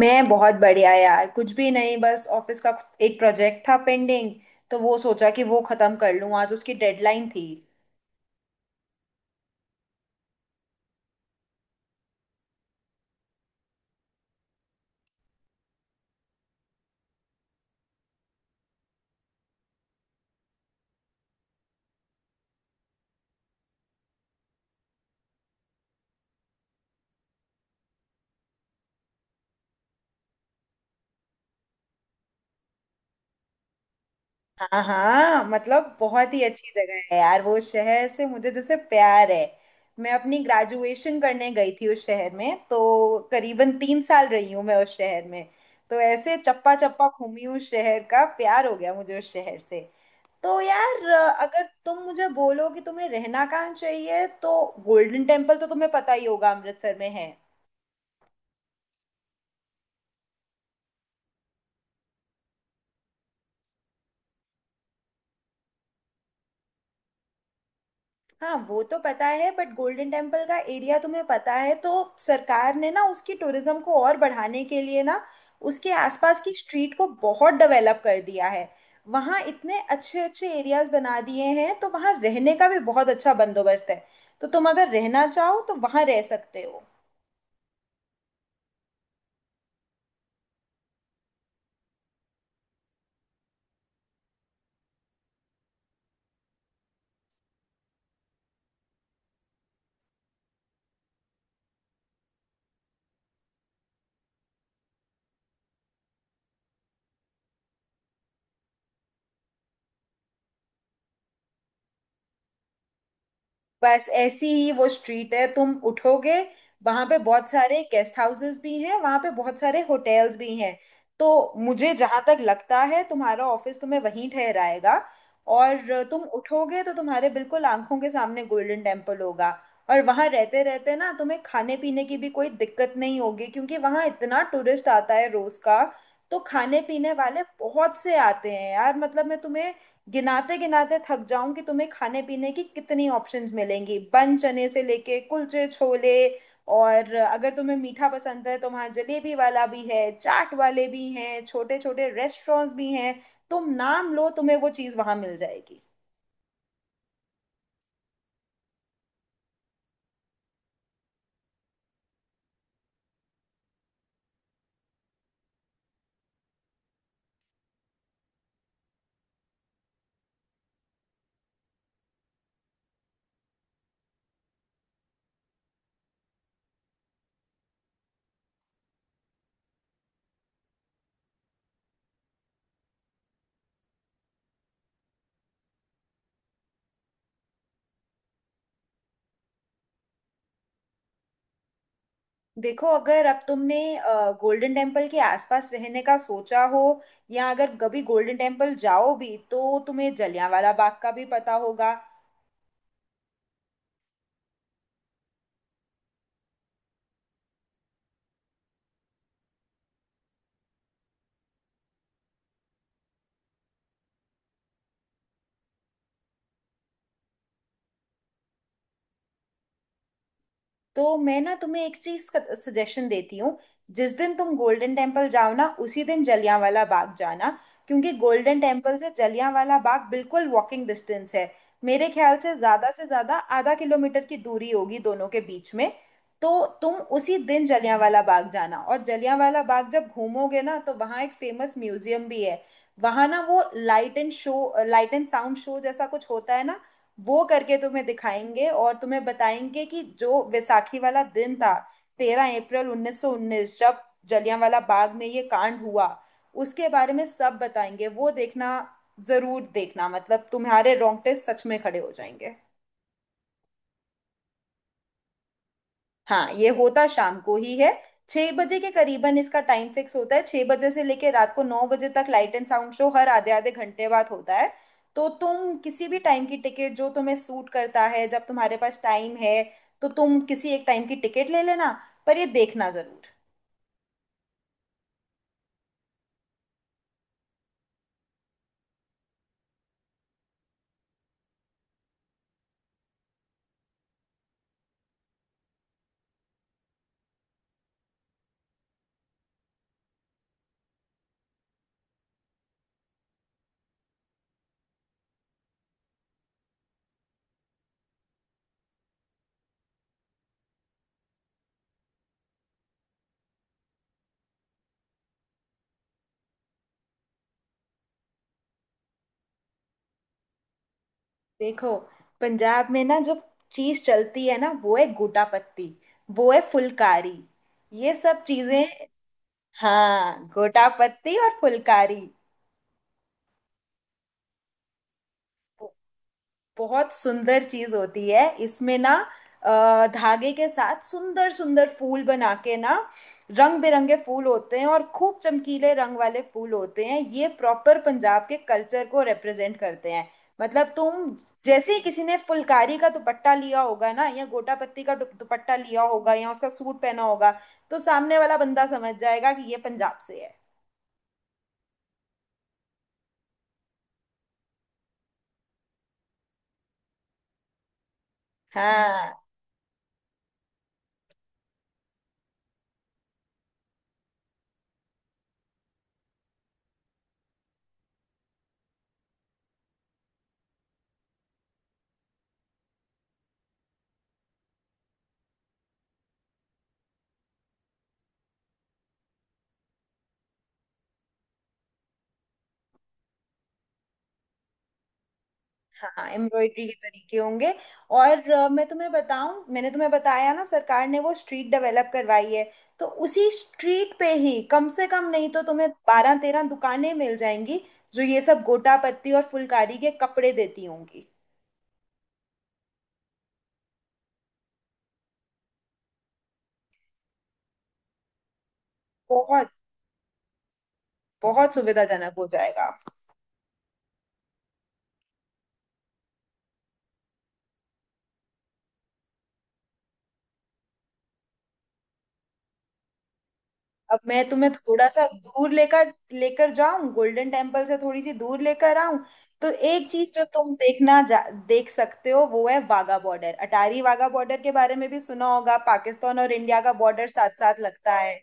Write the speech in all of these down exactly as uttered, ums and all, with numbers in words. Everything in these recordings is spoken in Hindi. मैं बहुत बढ़िया यार। कुछ भी नहीं, बस ऑफिस का एक प्रोजेक्ट था पेंडिंग तो वो सोचा कि वो खत्म कर लूं। आज उसकी डेडलाइन थी। हाँ हाँ, मतलब बहुत ही अच्छी जगह है यार, वो शहर से मुझे जैसे प्यार है। मैं अपनी ग्रेजुएशन करने गई थी उस शहर में, तो करीबन तीन साल रही हूँ मैं उस शहर में। तो ऐसे चप्पा चप्पा घूमी, उस शहर का प्यार हो गया मुझे उस शहर से। तो यार अ, अगर तुम मुझे बोलो कि तुम्हें रहना कहाँ चाहिए तो गोल्डन टेम्पल तो तुम्हें पता ही होगा, अमृतसर में है। हाँ वो तो पता है बट गोल्डन टेम्पल का एरिया तुम्हें पता है तो सरकार ने ना उसकी टूरिज्म को और बढ़ाने के लिए ना उसके आसपास की स्ट्रीट को बहुत डेवलप कर दिया है। वहाँ इतने अच्छे अच्छे एरियाज बना दिए हैं तो वहाँ रहने का भी बहुत अच्छा बंदोबस्त है। तो तुम अगर रहना चाहो तो वहाँ रह सकते हो। बस ऐसी ही वो स्ट्रीट है, तुम उठोगे। वहां पे बहुत सारे गेस्ट हाउसेस भी हैं, वहां पे बहुत सारे होटल्स भी हैं। तो मुझे जहां तक लगता है तुम्हारा ऑफिस तुम्हें वहीं ठहराएगा, और तुम उठोगे तो तुम्हारे बिल्कुल आंखों के सामने गोल्डन टेम्पल होगा। और वहां रहते रहते ना तुम्हें खाने पीने की भी कोई दिक्कत नहीं होगी, क्योंकि वहां इतना टूरिस्ट आता है रोज का। तो खाने पीने वाले बहुत से आते हैं यार, मतलब मैं तुम्हें गिनाते गिनाते थक जाऊं कि तुम्हें खाने पीने की कितनी ऑप्शंस मिलेंगी, बन चने से लेके कुलचे छोले। और अगर तुम्हें मीठा पसंद है तो वहाँ जलेबी वाला भी है, चाट वाले भी हैं, छोटे छोटे रेस्टोरेंट्स भी हैं। तुम नाम लो, तुम्हें वो चीज़ वहाँ मिल जाएगी। देखो, अगर अब तुमने गोल्डन टेम्पल के आसपास रहने का सोचा हो, या अगर कभी गोल्डन टेम्पल जाओ भी, तो तुम्हें जलियांवाला बाग का भी पता होगा। तो मैं ना तुम्हें एक चीज का सजेशन देती हूँ। जिस दिन तुम गोल्डन टेम्पल जाओ ना उसी दिन जलियांवाला बाग जाना, क्योंकि गोल्डन टेम्पल से जलियांवाला बाग बिल्कुल वॉकिंग डिस्टेंस है। मेरे ख्याल से ज्यादा से ज्यादा आधा किलोमीटर की दूरी होगी दोनों के बीच में। तो तुम उसी दिन जलियांवाला बाग जाना, और जलियांवाला बाग जब घूमोगे ना तो वहाँ एक फेमस म्यूजियम भी है। वहाँ ना वो light and show, light and sound show जैसा कुछ होता है ना, वो करके तुम्हें दिखाएंगे और तुम्हें बताएंगे कि जो वैसाखी वाला दिन था, तेरह अप्रैल उन्नीस सौ उन्नीस, जब जलियांवाला बाग में ये कांड हुआ, उसके बारे में सब बताएंगे। वो देखना, जरूर देखना, मतलब तुम्हारे रोंगटे सच में खड़े हो जाएंगे। हाँ, ये होता शाम को ही है। छह बजे के करीबन इसका टाइम फिक्स होता है, छह बजे से लेके रात को नौ बजे तक लाइट एंड साउंड शो हर आधे आधे घंटे बाद होता है। तो तुम किसी भी टाइम की टिकट, जो तुम्हें सूट करता है जब तुम्हारे पास टाइम है, तो तुम किसी एक टाइम की टिकट ले लेना, पर ये देखना जरूर। देखो, पंजाब में ना जो चीज चलती है ना वो है गोटा पत्ती, वो है फुलकारी, ये सब चीजें। हाँ, गोटा पत्ती और फुलकारी बहुत सुंदर चीज होती है। इसमें ना अ, धागे के साथ सुंदर सुंदर फूल बना के ना, रंग बिरंगे फूल होते हैं, और खूब चमकीले रंग वाले फूल होते हैं, ये प्रॉपर पंजाब के कल्चर को रिप्रेजेंट करते हैं। मतलब तुम जैसे ही किसी ने फुलकारी का दुपट्टा लिया होगा ना, या गोटा पत्ती का दुप- दुपट्टा लिया होगा, या उसका सूट पहना होगा, तो सामने वाला बंदा समझ जाएगा कि ये पंजाब से है। हाँ हाँ, एम्ब्रॉयडरी के तरीके होंगे। और अ, मैं तुम्हें बताऊं, मैंने तुम्हें बताया ना सरकार ने वो स्ट्रीट डेवलप करवाई है, तो उसी स्ट्रीट पे ही कम से कम नहीं तो तुम्हें बारह तेरह दुकानें मिल जाएंगी, जो ये सब गोटा पत्ती और फुलकारी के कपड़े देती होंगी। बहुत बहुत सुविधाजनक हो जाएगा। अब मैं तुम्हें थोड़ा सा दूर लेकर लेकर जाऊं, गोल्डन टेम्पल से थोड़ी सी दूर लेकर आऊं। तो एक चीज जो तुम देखना जा, देख सकते हो वो है वाघा बॉर्डर। अटारी वाघा बॉर्डर के बारे में भी सुना होगा, पाकिस्तान और इंडिया का बॉर्डर साथ साथ लगता है।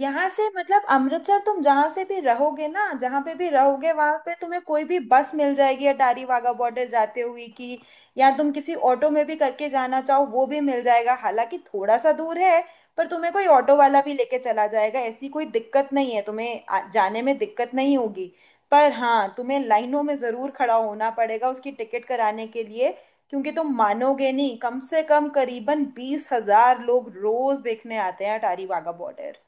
यहाँ से मतलब अमृतसर तुम जहां से भी रहोगे ना, जहां पे भी रहोगे वहां पे तुम्हें कोई भी बस मिल जाएगी अटारी वाघा बॉर्डर जाते हुए कि, या तुम किसी ऑटो में भी करके जाना चाहो वो भी मिल जाएगा, हालांकि थोड़ा सा दूर है। पर तुम्हें कोई ऑटो वाला भी लेके चला जाएगा, ऐसी कोई दिक्कत नहीं है, तुम्हें आ- जाने में दिक्कत नहीं होगी। पर हाँ, तुम्हें लाइनों में जरूर खड़ा होना पड़ेगा उसकी टिकट कराने के लिए, क्योंकि तुम मानोगे नहीं, कम से कम करीबन बीस हजार लोग रोज देखने आते हैं Attari Wagah border.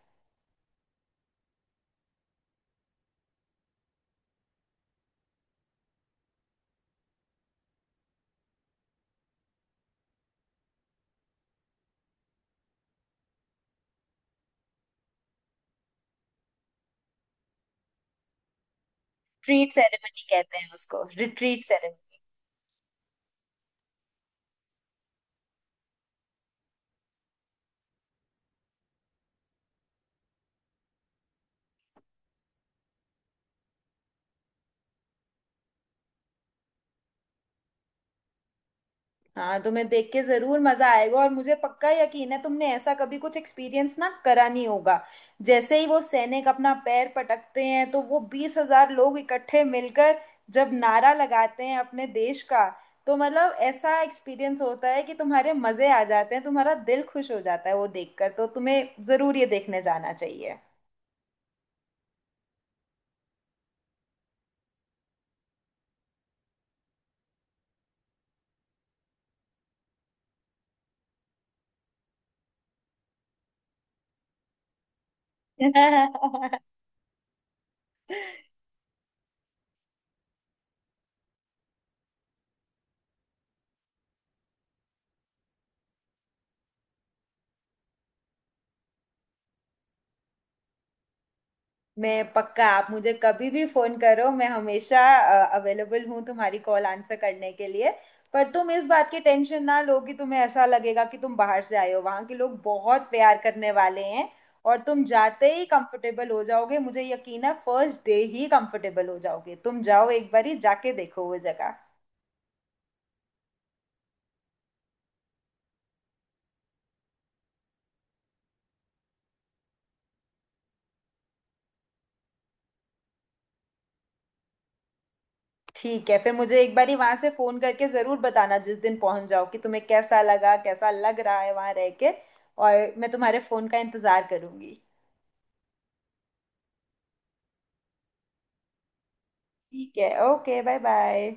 Retreat ceremony कहते हैं उसको, रिट्रीट सेरेमनी। हाँ, तुम्हें देख के जरूर मजा आएगा, और मुझे पक्का यकीन है तुमने ऐसा कभी कुछ एक्सपीरियंस ना करा नहीं होगा। जैसे ही वो सैनिक अपना पैर पटकते हैं तो वो बीस हजार लोग इकट्ठे मिलकर जब नारा लगाते हैं अपने देश का, तो मतलब ऐसा एक्सपीरियंस होता है कि तुम्हारे मजे आ जाते हैं, तुम्हारा दिल खुश हो जाता है वो देखकर, तो तुम्हें जरूर ये देखने जाना चाहिए। मैं पक्का, आप मुझे कभी भी फोन करो, मैं हमेशा अवेलेबल हूँ तुम्हारी कॉल आंसर करने के लिए। पर तुम इस बात की टेंशन ना लो कि तुम्हें ऐसा लगेगा कि तुम बाहर से आए हो, वहाँ के लोग बहुत प्यार करने वाले हैं, और तुम जाते ही कंफर्टेबल हो जाओगे, मुझे यकीन है फर्स्ट डे ही कंफर्टेबल हो जाओगे। तुम जाओ, एक बारी जाके देखो वो जगह। ठीक है, फिर मुझे एक बारी वहां से फोन करके जरूर बताना जिस दिन पहुंच जाओ, कि तुम्हें कैसा लगा, कैसा लग रहा है वहां रह के, और मैं तुम्हारे फोन का इंतजार करूंगी। ठीक है, ओके बाय बाय।